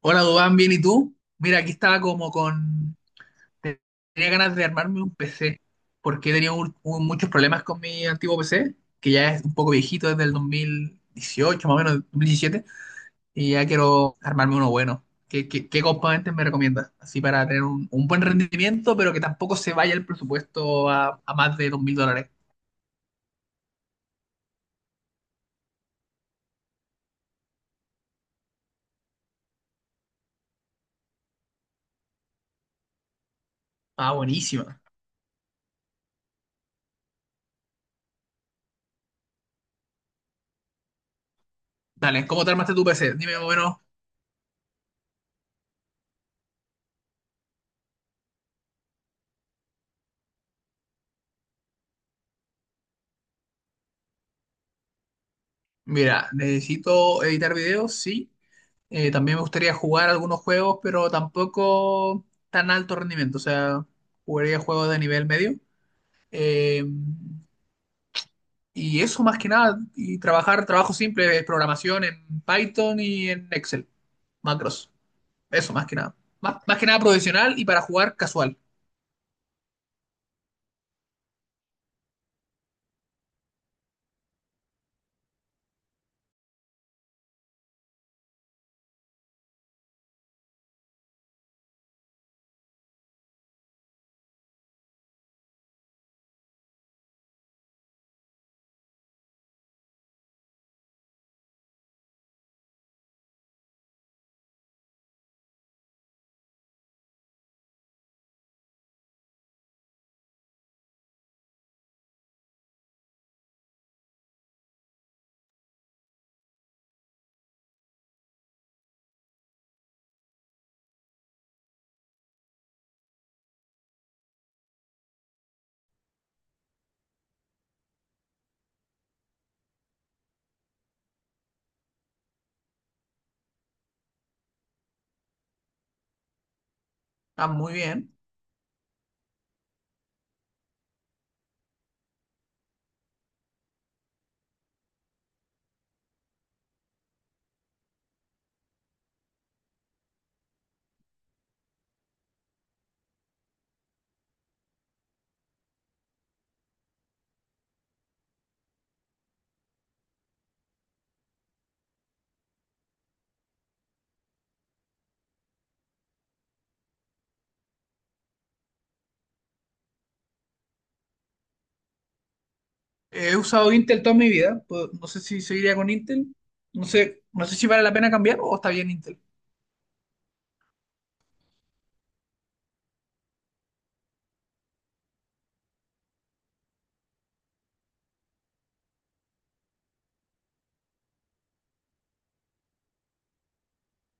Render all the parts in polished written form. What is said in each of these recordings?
Hola, Dubán, ¿bien y tú? Mira, aquí estaba como con... Tenía ganas de armarme un PC, porque he tenido muchos problemas con mi antiguo PC, que ya es un poco viejito desde el 2018, más o menos, 2017, y ya quiero armarme uno bueno. ¿Qué componentes me recomiendas? Así para tener un buen rendimiento, pero que tampoco se vaya el presupuesto a más de $2,000. Ah, buenísima. Dale, ¿cómo te armaste tu PC? Dime más o menos. Mira, necesito editar videos, sí. También me gustaría jugar algunos juegos, pero tampoco tan alto rendimiento. O sea, jugaría juegos de nivel medio. Eh, y eso más que nada. Y trabajar trabajo simple de programación en Python y en Excel. Macros. Eso más que nada. Más, más que nada profesional y para jugar casual. Ah, muy bien. He usado Intel toda mi vida. Pues, no sé si seguiría con Intel. No sé, no sé si vale la pena cambiar o está bien Intel.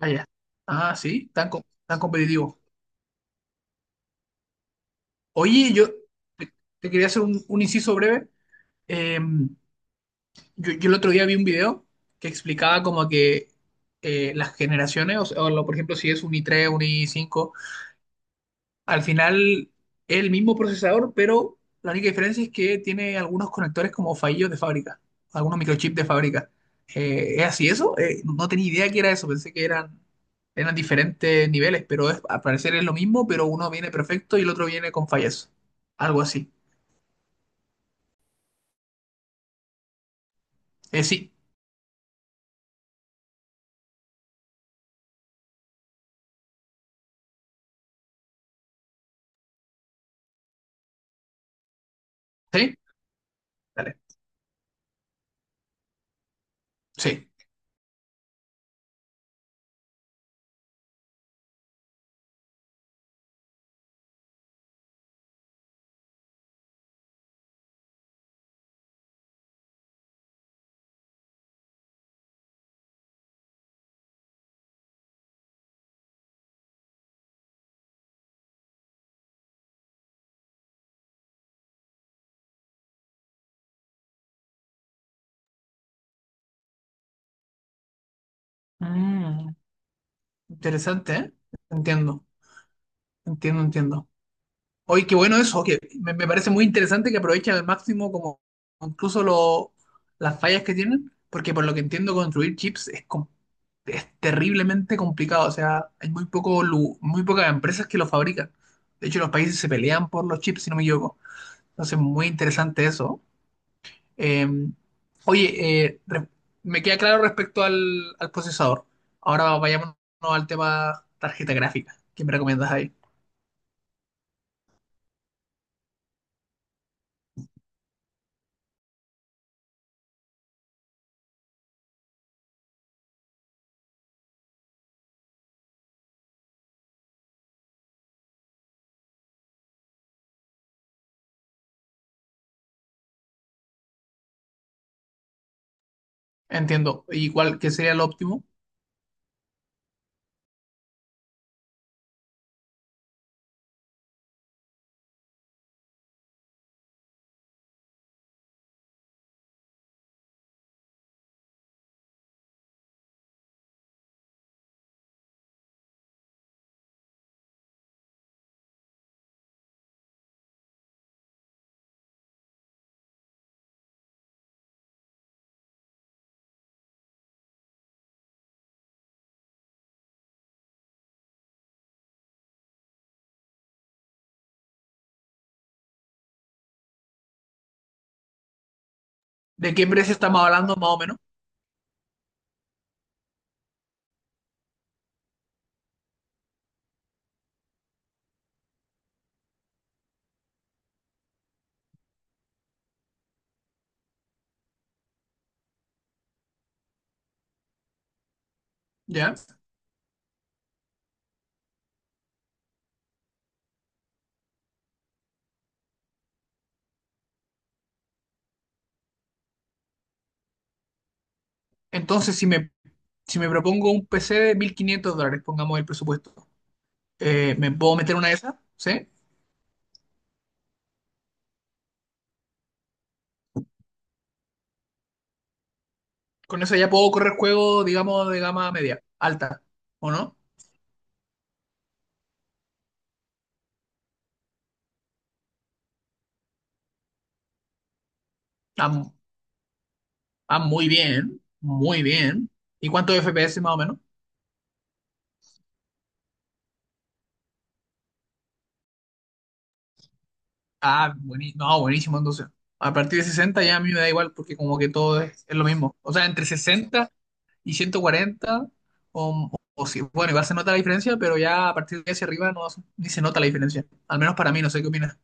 Ah, ya. Ah, sí, tan competitivo. Oye, te, te quería hacer un inciso breve. Eh, yo el otro día vi un video que explicaba como que las generaciones, por ejemplo, si es un i3, un i5, al final es el mismo procesador, pero la única diferencia es que tiene algunos conectores como fallidos de fábrica, algunos microchips de fábrica. ¿Es así eso? No tenía idea que era eso, eran diferentes niveles, pero es, al parecer es lo mismo, pero uno viene perfecto y el otro viene con fallas, algo así. Sí. ¿Sí? Dale. Sí. Mm, interesante, ¿eh? Entiendo, entiendo, entiendo. Oye, qué bueno eso, me parece muy interesante que aprovechen al máximo como incluso lo- las fallas que tienen, porque por lo que entiendo construir chips es terriblemente complicado, o sea, hay muy poco, lu- muy pocas empresas que lo fabrican. De hecho, los países se pelean por los chips, si no me equivoco. Entonces, muy interesante eso. Eh, oye, eh, re- Me queda claro respecto al procesador. Ahora vayámonos al tema tarjeta gráfica. ¿Qué me recomiendas ahí? Entiendo. ¿Y cuál qué sería el óptimo? ¿De qué precio estamos hablando más o menos? ¿Ya? Entonces, si me propongo un PC de $1,500, pongamos el presupuesto, ¿me puedo meter una de esas? ¿Sí? Con eso ya puedo correr juegos, digamos, de gama media, alta, ¿o no? Ah, mu- ah, muy bien, muy bien. ¿Y cuántos FPS más o menos? Ah, buenísimo. No, buenísimo, entonces. A partir de 60 ya a mí me da igual porque como que todo es lo mismo. O sea, entre 60 y 140, o sí, bueno, igual se nota la diferencia, pero ya a partir de hacia arriba no, ni se nota la diferencia. Al menos para mí, no sé qué opinas.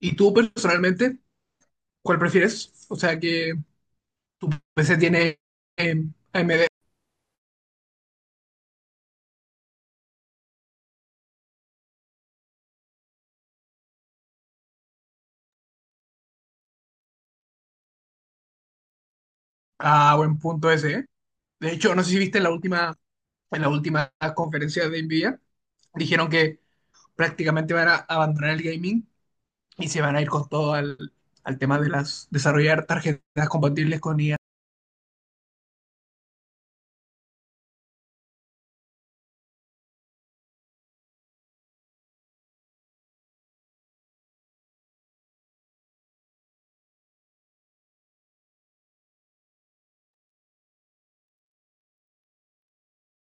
¿Y tú personalmente, cuál prefieres? O sea, que tu PC tiene eh, AMD a M D. Ah, buen punto ese, ¿eh? De hecho, no sé si viste en en la última conferencia de NVIDIA, dijeron que prácticamente van a abandonar el gaming y se van a ir con todo al tema de las desarrollar tarjetas compatibles con IA.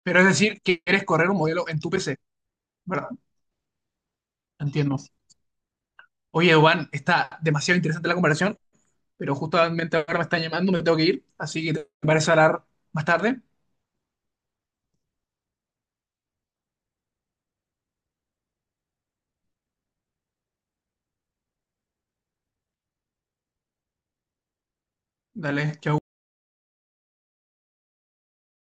Pero es decir, que quieres correr un modelo en tu PC, ¿verdad? Entiendo. Oye, Juan, está demasiado interesante la conversación, pero justamente ahora me están llamando, me tengo que ir, así que te parece hablar más tarde. Dale, chao.